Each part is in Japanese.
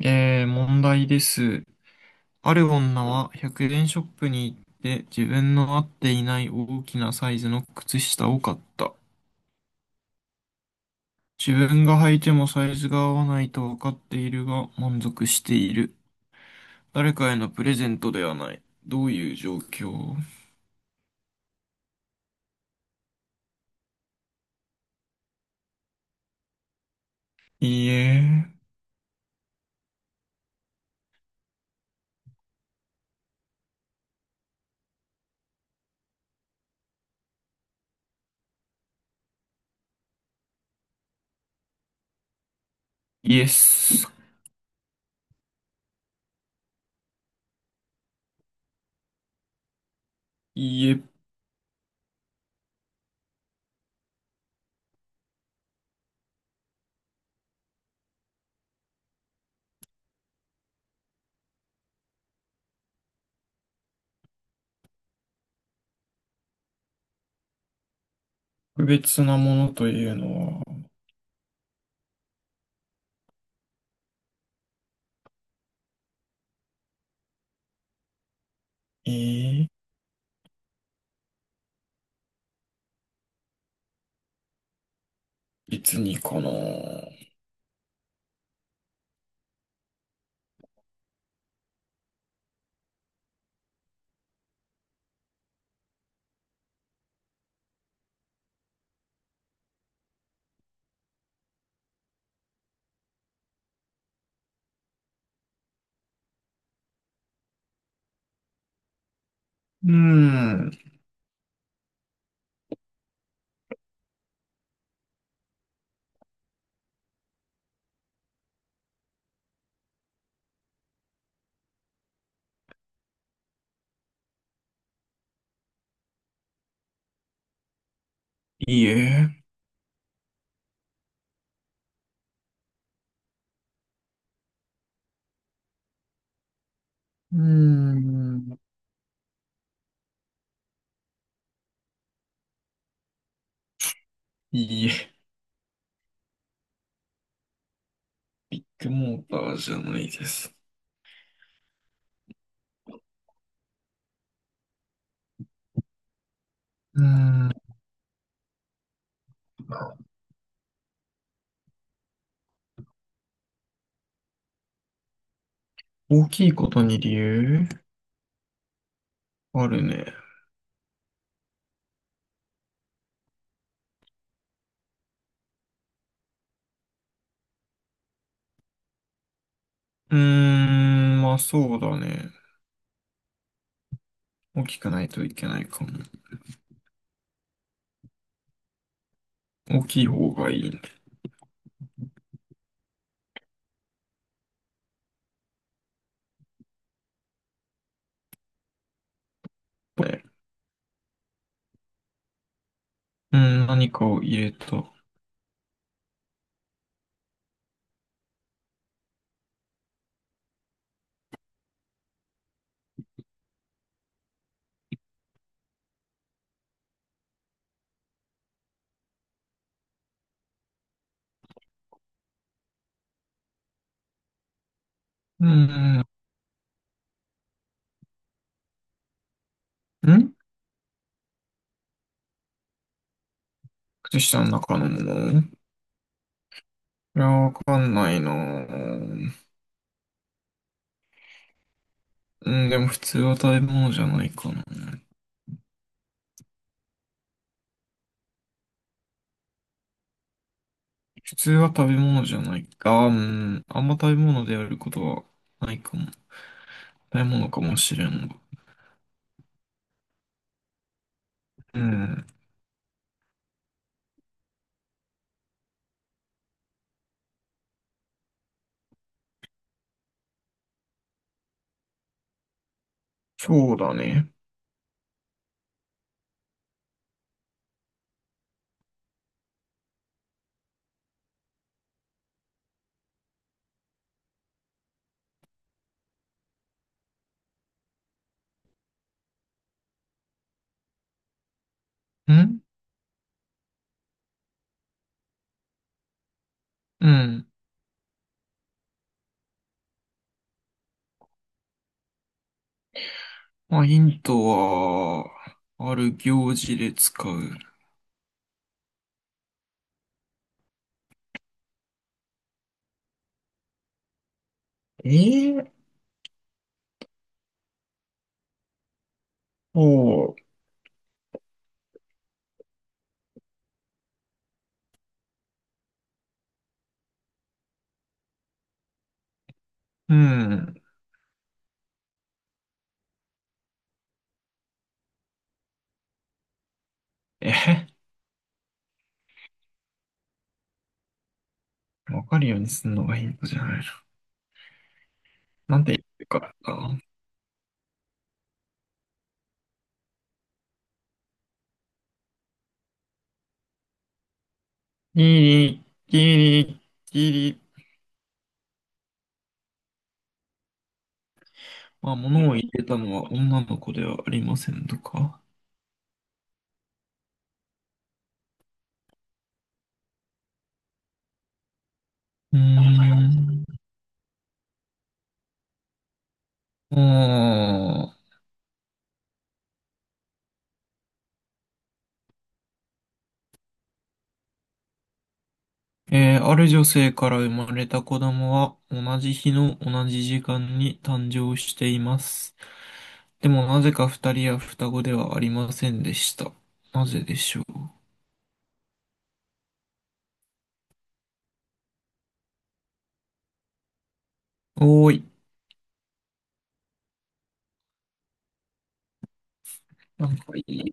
問題です。ある女は100円ショップに行って自分の合っていない大きなサイズの靴下を買った。自分が履いてもサイズが合わないと分かっているが満足している。誰かへのプレゼントではない。どういう状況？いいえ、イエス。いいえ、特別なものというのは、えー、別にかな。うーん、いいえ。うーん。いいえ。もうバーじゃないです。うーん、大きいことに理由あるね。うーん、まあそうだね。大きくないといけないかも。大きい方がいいね。ね。うーん、何かを入れた。うーん、ん。靴下の中のものいや、わかんないなぁ。うん、でも普通は食べ物じゃないかな。普通は食べ物じゃないか。うん、あんま食べ物であることはないかも。食べ物かもしれんが。うん。そうだね。ん。うん。まあ、ヒントは、ある行事で使う。えー、おう。うん。えへ、わかるようにすんのがヒントじゃないの。なんて言ってるからな。ギリ、ギリ、ギリ。まあ、物を入れたのは女の子ではありませんとか。うーん。あある女性から生まれた子供は同じ日の同じ時間に誕生しています。でもなぜか二人は双子ではありませんでした。なぜでしょう。おーい。なんかいい。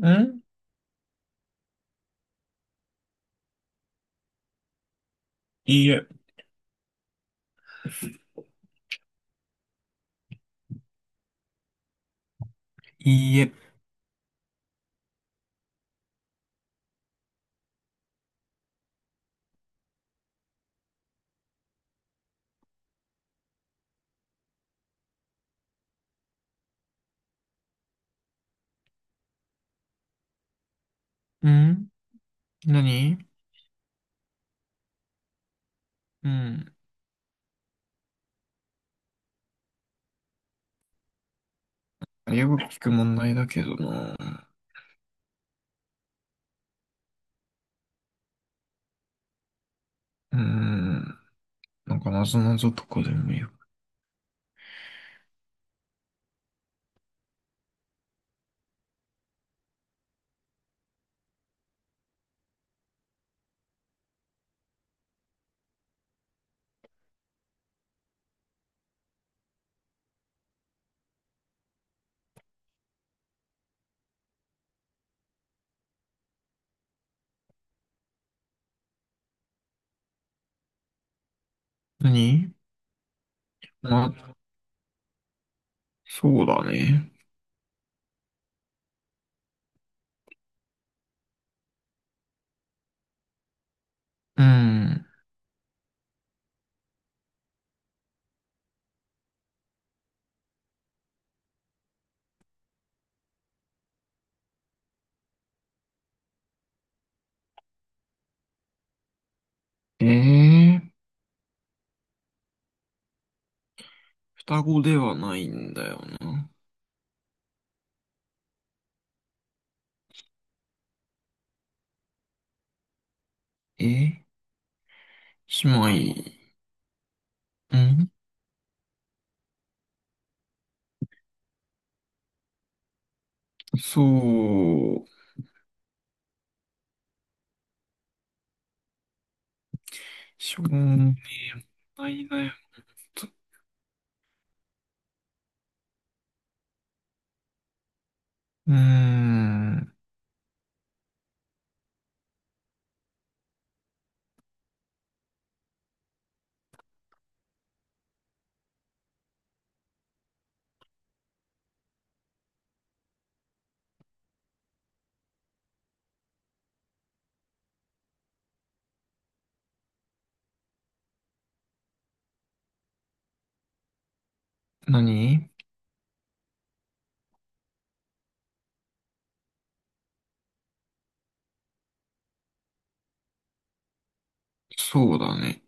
ん。いいえ。いいえ。ん。何？うん。よく聞く問題だけどな。うーん。なんか謎ぞなぞとかでもいいよ。何？ま、そうだね。うん。ええ、双子ではないんだよな。え、姉妹。ん、そう。しょうがないだよ。うーん、何？そうだね。